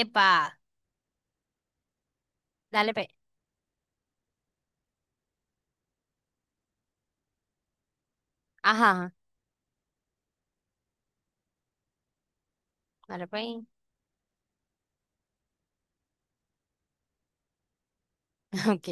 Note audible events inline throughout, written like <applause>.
Epa, dale, pe. Ajá, ajá, dale, pe. <laughs> Ok.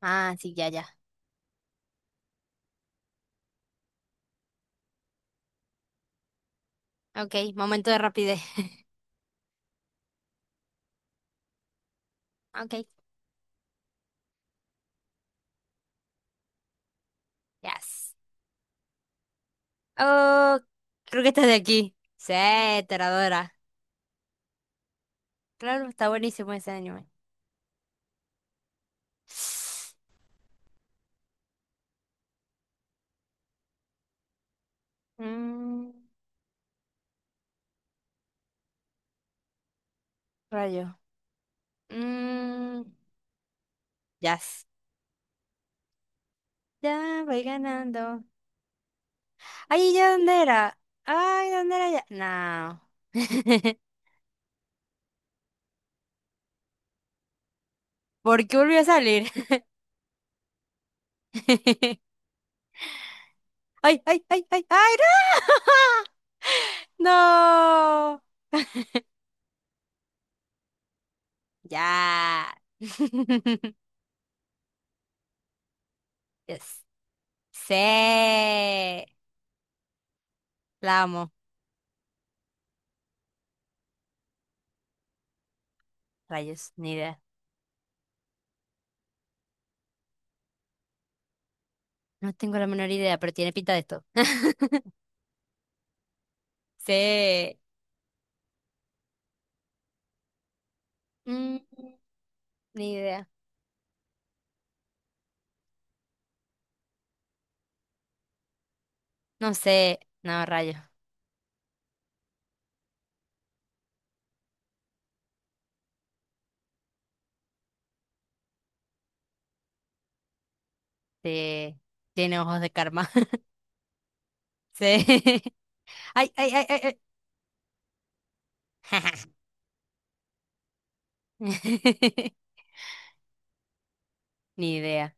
Ah, sí, ya, ya. Ok, momento de rapidez. <laughs> Ok, yes. Oh, creo que estás de aquí. Sí, Teradora. Claro, está buenísimo ese anime. <sighs> Mm, rayo. Mm, yes. Ya voy ganando. Ay, ¿ya dónde era? Ay, ¿dónde era ya? No. <laughs> ¿Por qué volvió a salir? <laughs> ¡Ay, ay, ay, ay! ¡Ay, no! <laughs> ¡No! Ya. <laughs> Yes. Sí. La amo. Rayos, ni idea. No tengo la menor idea, pero tiene pinta de esto. <laughs> Sí. Mm, ni idea. No sé. No, rayos. Sí. Tiene ojos de karma. <laughs> Sí. Ay, ay, ay, ay, ay. <laughs> Ni idea.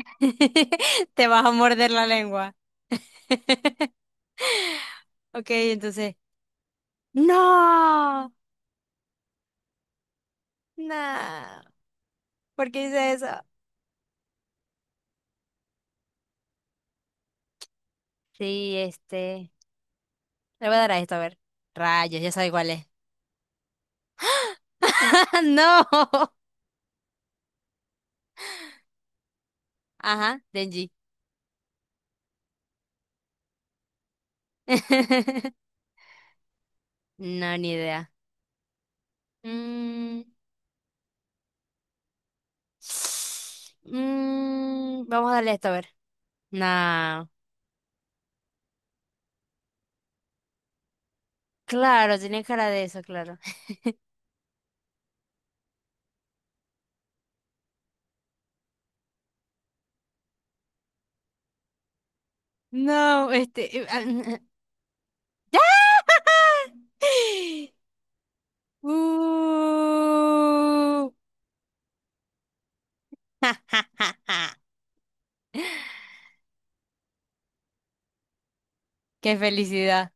<laughs> Te vas a morder la lengua. Ok, entonces. No, no. ¿Por qué hice eso? Sí, este. Le voy a dar a esto, a ver. Rayos, ya sabe cuál es. <laughs> ¡No! Ajá, Denji. <laughs> No, ni idea. Mm, mm, vamos a darle esto, a ver. No. Claro, tiene cara de eso, claro. <laughs> No, este. Ah, <laughs> ¡Ya! <laughs> ¡Uh! <laughs> ¡Qué felicidad!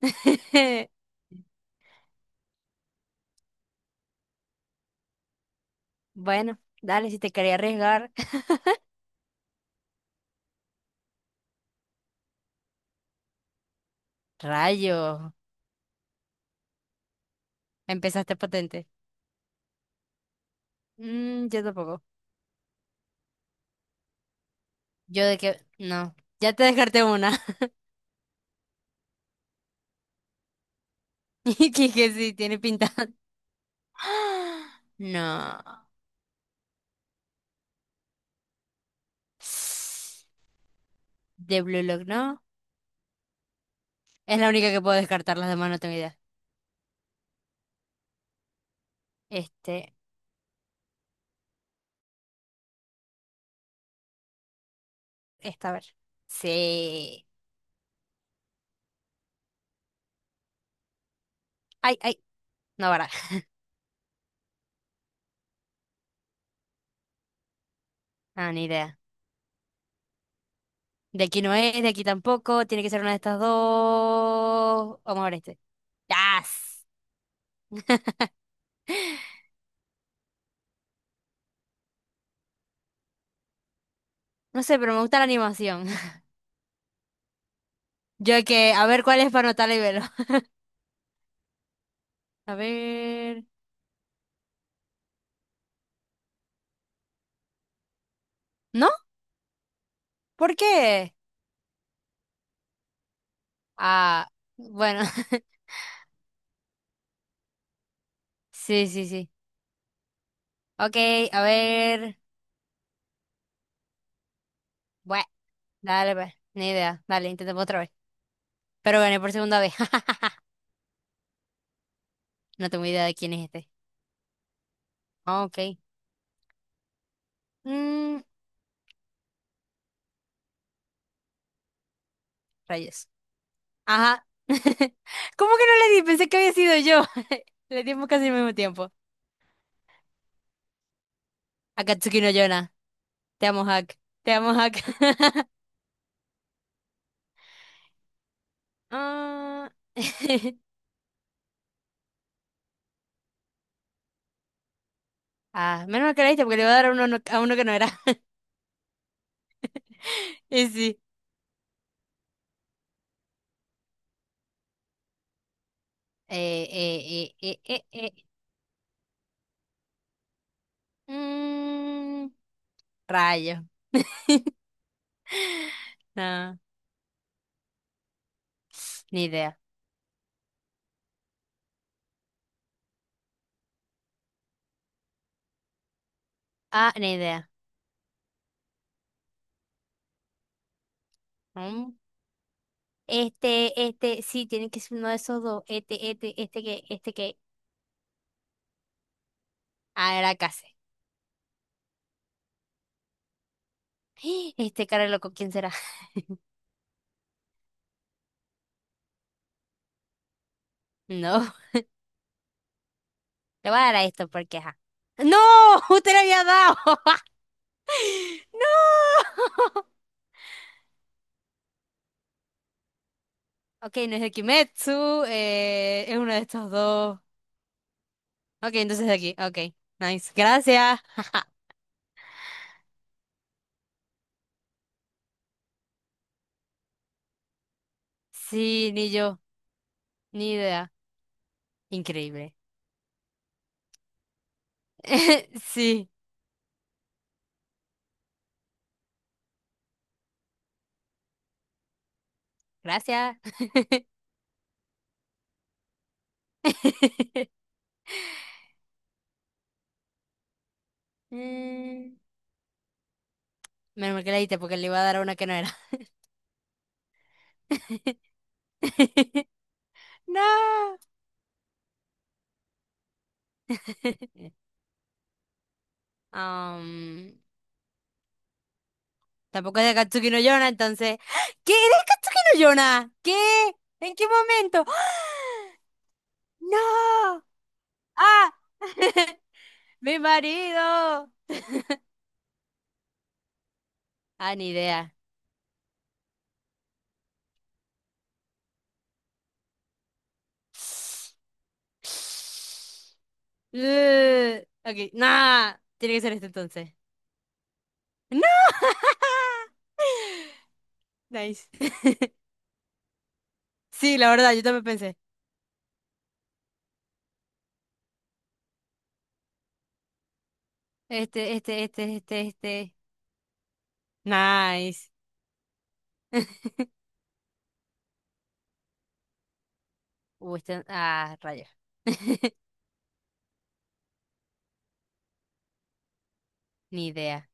<laughs> Bueno, dale, si te quería arriesgar. <laughs> Rayo, empezaste potente. Mm, yo tampoco. Yo de que, no, ya te descarté una. <laughs> Y que sí, tiene pinta. <gasps> No. De Blue Lock, no. Es la única que puedo descartar, las demás no tengo idea. Este, esta, a ver. Sí. Ay, ay, no baraja. Ah, ni idea. De aquí no es, de aquí tampoco. Tiene que ser una de estas dos. Vamos a ver este. ¡Yas! <gasps> No sé, pero me gusta la animación. Yo que, a ver cuál es para anotarla y verlo. <laughs> A ver. ¿No? ¿Por qué? Ah, bueno. <laughs> Sí, sí, sí. Ok, a ver. Bueno, dale, pues. Ni idea. Dale, intentemos otra vez. Pero gané por segunda vez. <laughs> No tengo idea de quién es este. Ah, ok. Mm, rayos. Ajá. <laughs> ¿Cómo que no le di? Pensé que había sido yo. <laughs> Le dimos casi al mismo tiempo. Akatsuki no Yona. Te amo, Hack. Te amo, Hack. <laughs> Ah, <laughs> ah, menos mal que le diste porque le iba a dar a uno, no, a uno que no era. Y sí. Eh, eh, eh, eh, eh, eh. Mm, rayo. No, ni idea. Ah, ni idea. Mm. Este, sí, tiene que ser uno de esos dos. Este que, este que. Ah, era casi. <gasps> Este cara loco, ¿quién será? <laughs> No, le voy a dar a esto porque, ajá. ¡No! <laughs> ¡Usted le había dado! <laughs> ¡No! <laughs> Ok, no es de Kimetsu, es uno de estos dos. Ok, entonces de aquí, ok. Nice, gracias. Sí, ni yo. Ni idea. Increíble. <laughs> Sí, gracias. <laughs> Mm, menos mal que la diste porque le iba a dar a una que no era. <laughs> No. <laughs> Am, tampoco es de Katsuki no Yona, entonces. <gasps> ¿Qué? ¿Eres Katsuki no Yona? ¿Qué? ¿En qué momento? <gasps> ¡Ah! ¡No! ¡Ah! <laughs> ¡Mi marido! Ah, ni idea. <sighs> Ugh. Ok, nah. Tiene que ser este entonces. ¡No! <laughs> Nice. Sí, la verdad, yo también pensé. Este, este, este, este, este. Nice. <laughs> Este, ah, rayos. <laughs> Ni idea.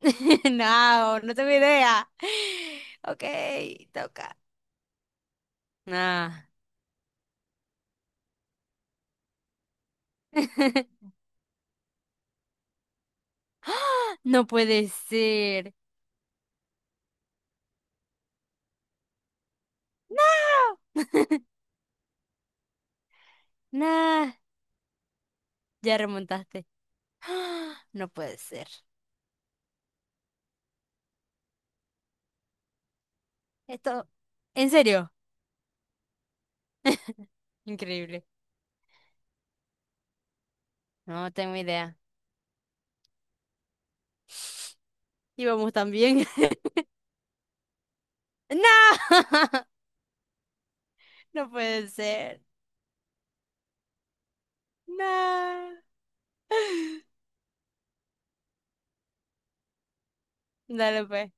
<laughs> No, no tengo idea. Ok, toca. Nah. <laughs> No puede ser. No. <laughs> Nah, ya remontaste. <gasps> No puede ser. Esto, ¿en serio? Increíble. No tengo idea. Íbamos tan bien. <laughs> No, <laughs> no puede ser. No. <laughs> Dale, pues.